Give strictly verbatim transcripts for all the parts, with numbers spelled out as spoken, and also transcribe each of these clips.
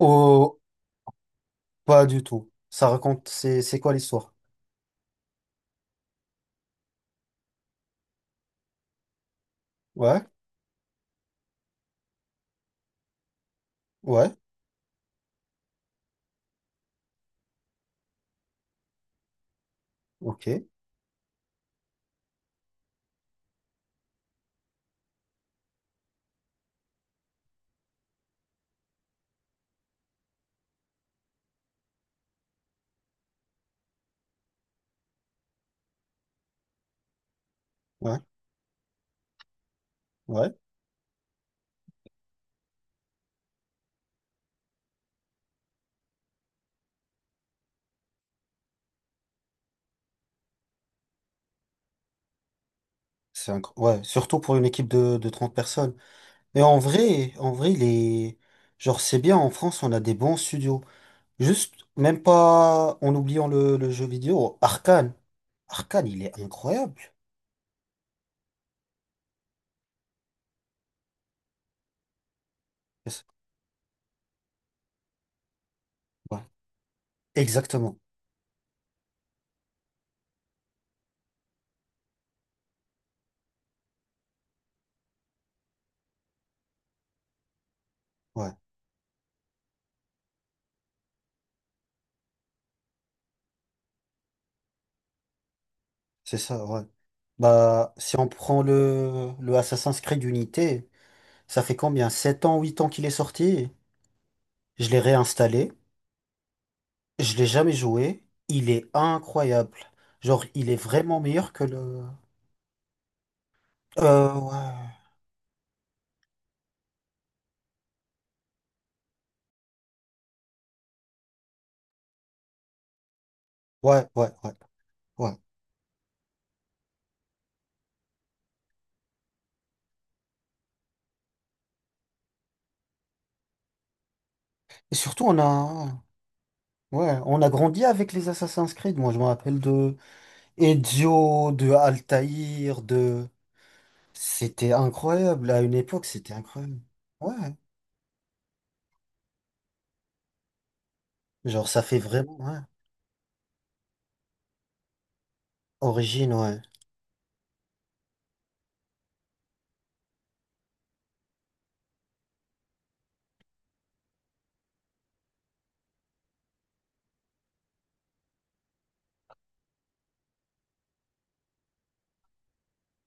Oh, pas du tout. Ça raconte, c'est, c'est quoi l'histoire? Ouais, ouais, ok, ouais, ouais. C'est inc- ouais, surtout pour une équipe de, de trente personnes. Et en vrai, en vrai, les, genre, c'est bien, en France, on a des bons studios. Juste, même pas en oubliant le, le jeu vidéo, Arkane. Arkane, il est incroyable. C'est ça, ouais, exactement. Ouais, c'est ça, ouais. Bah, si on prend le, le Assassin's Creed Unity, ça fait combien? Sept ans, huit ans qu'il est sorti? Je l'ai réinstallé, je l'ai jamais joué, il est incroyable. Genre, il est vraiment meilleur que le... Euh, ouais, ouais, ouais, ouais. Ouais. Et surtout, on a... Ouais, on a grandi avec les Assassin's Creed. Moi, je me rappelle de Ezio, de Altaïr, de... C'était incroyable, à une époque, c'était incroyable. Ouais, genre, ça fait vraiment... Ouais. Origine, ouais.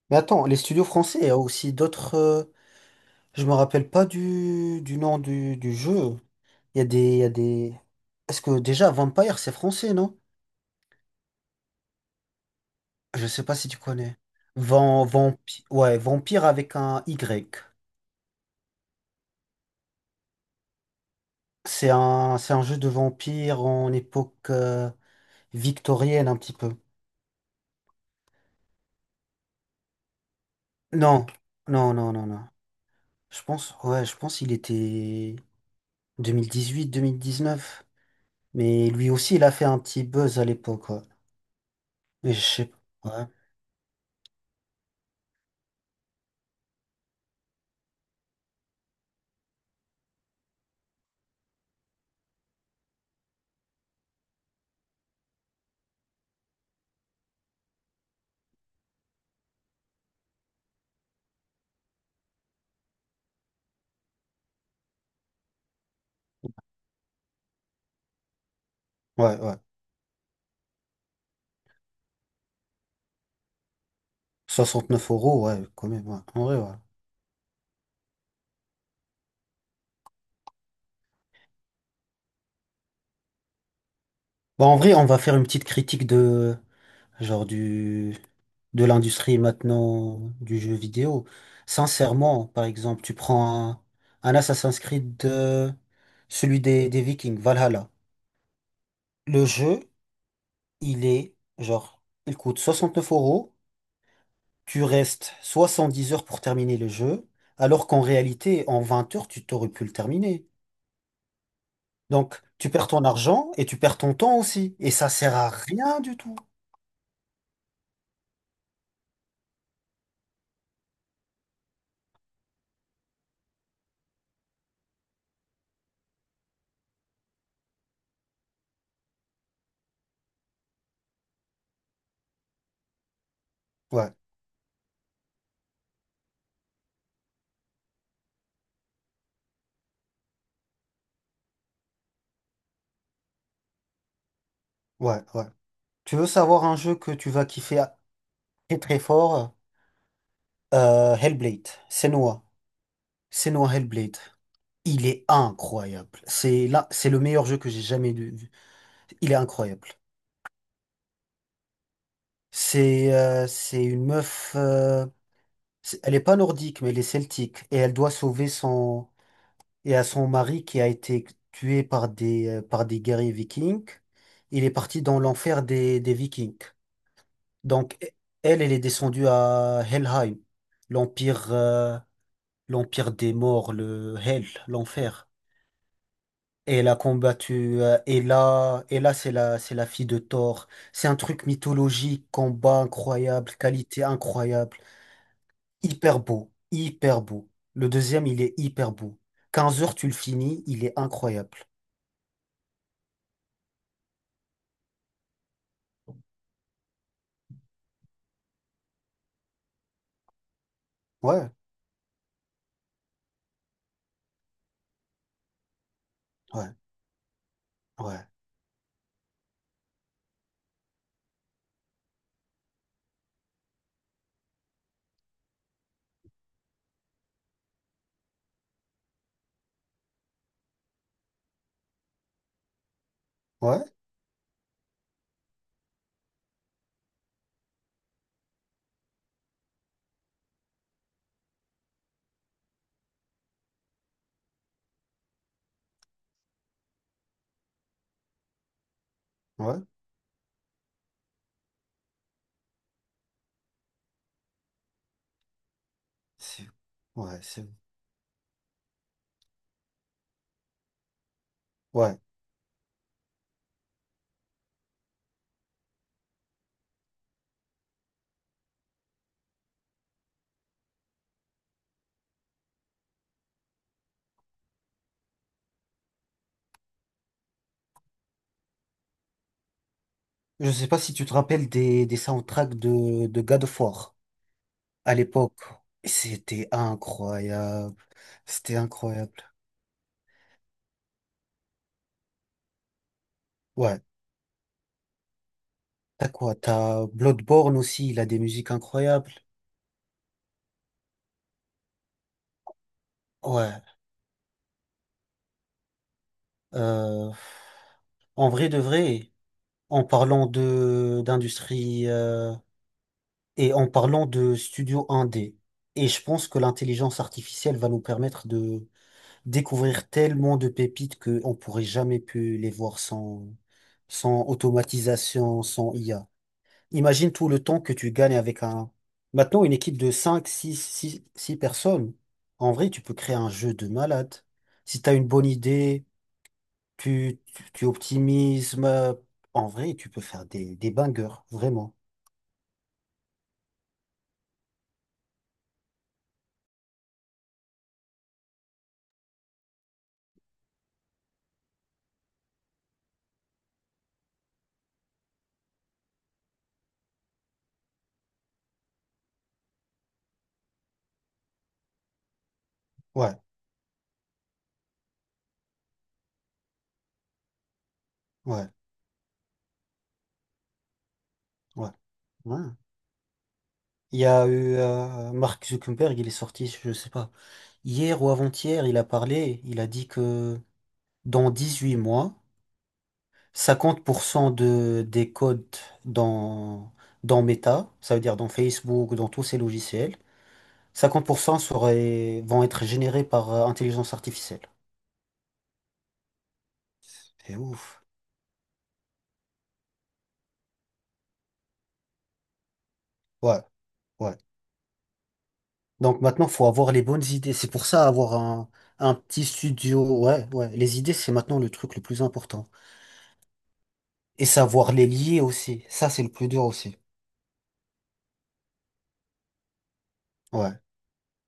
Mais attends, les studios français, il y a aussi d'autres... euh, Je me rappelle pas du, du nom du, du jeu. Il y a des, il y a des... Est-ce que déjà, Vampire, c'est français, non? Je sais pas si tu connais. Van, vampi- ouais, Vampire avec un Y. C'est un, c'est un jeu de vampire en époque euh, victorienne un petit peu. Non, non, non, non, non. Je pense, ouais, je pense il était deux mille dix-huit, deux mille dix-neuf. Mais lui aussi, il a fait un petit buzz à l'époque, ouais. Mais je sais pas. Ouais, ouais, ouais. soixante-neuf euros, ouais, quand même, ouais. En vrai, ouais. Bon, en vrai, on va faire une petite critique de genre du de l'industrie maintenant du jeu vidéo. Sincèrement, par exemple, tu prends un, un Assassin's Creed, euh, celui des, des Vikings, Valhalla. Le jeu, il est genre, il coûte soixante neuf euros. Tu restes soixante dix heures pour terminer le jeu, alors qu'en réalité, en vingt heures, tu t'aurais pu le terminer. Donc, tu perds ton argent et tu perds ton temps aussi. Et ça sert à rien du tout. Ouais, ouais, ouais. Tu veux savoir un jeu que tu vas kiffer très très fort? Euh, Hellblade, Senua. Senua Hellblade. Il est incroyable. C'est là, c'est le meilleur jeu que j'ai jamais vu. vu. Il est incroyable. C'est euh, c'est une meuf. Euh, c'est- elle est pas nordique, mais elle est celtique. Et elle doit sauver son et à son mari qui a été tué par des euh, par des guerriers vikings. Il est parti dans l'enfer des des vikings. Donc e- Elle, elle est descendue à Helheim, l'empire. euh, L'Empire des Morts, le Hell, l'enfer. Et elle a combattu euh, Hela. Hela, c'est la, c'est la fille de Thor. C'est un truc mythologique, combat incroyable, qualité incroyable. Hyper beau, hyper beau. Le deuxième, il est hyper beau. quinze heures, tu le finis, il est incroyable. Ouais, ouais, ouais, ouais, ouais. C'est, ouais, c'est, ouais. Je sais pas si tu te rappelles des, des soundtracks de, de God of War à l'époque. C'était incroyable. C'était incroyable. Ouais, t'as quoi? T'as Bloodborne aussi, il a des musiques incroyables. Ouais. euh, En vrai de vrai, en parlant de d'industrie euh, et en parlant de studio un D, et je pense que l'intelligence artificielle va nous permettre de découvrir tellement de pépites qu'on pourrait jamais pu les voir sans sans automatisation, sans I A. Imagine tout le temps que tu gagnes avec un... Maintenant, une équipe de cinq six six six personnes, en vrai, tu peux créer un jeu de malade. Si tu as une bonne idée, tu, tu, tu optimises, euh, en vrai, tu peux faire des, des bangers, vraiment. Ouais, ouais, ouais, ouais. Il y a eu euh, Mark Zuckerberg, il est sorti, je sais pas, hier ou avant-hier, il a parlé, il a dit que dans dix-huit mois, cinquante pour cent de, des codes dans, dans Meta, ça veut dire dans Facebook, dans tous ces logiciels, cinquante pour cent seraient, vont être générés par euh, intelligence artificielle. C'est ouf. Ouais, ouais. Donc maintenant, faut avoir les bonnes idées. C'est pour ça avoir un, un petit studio. Ouais, ouais. Les idées, c'est maintenant le truc le plus important. Et savoir les lier aussi. Ça, c'est le plus dur aussi. Ouais.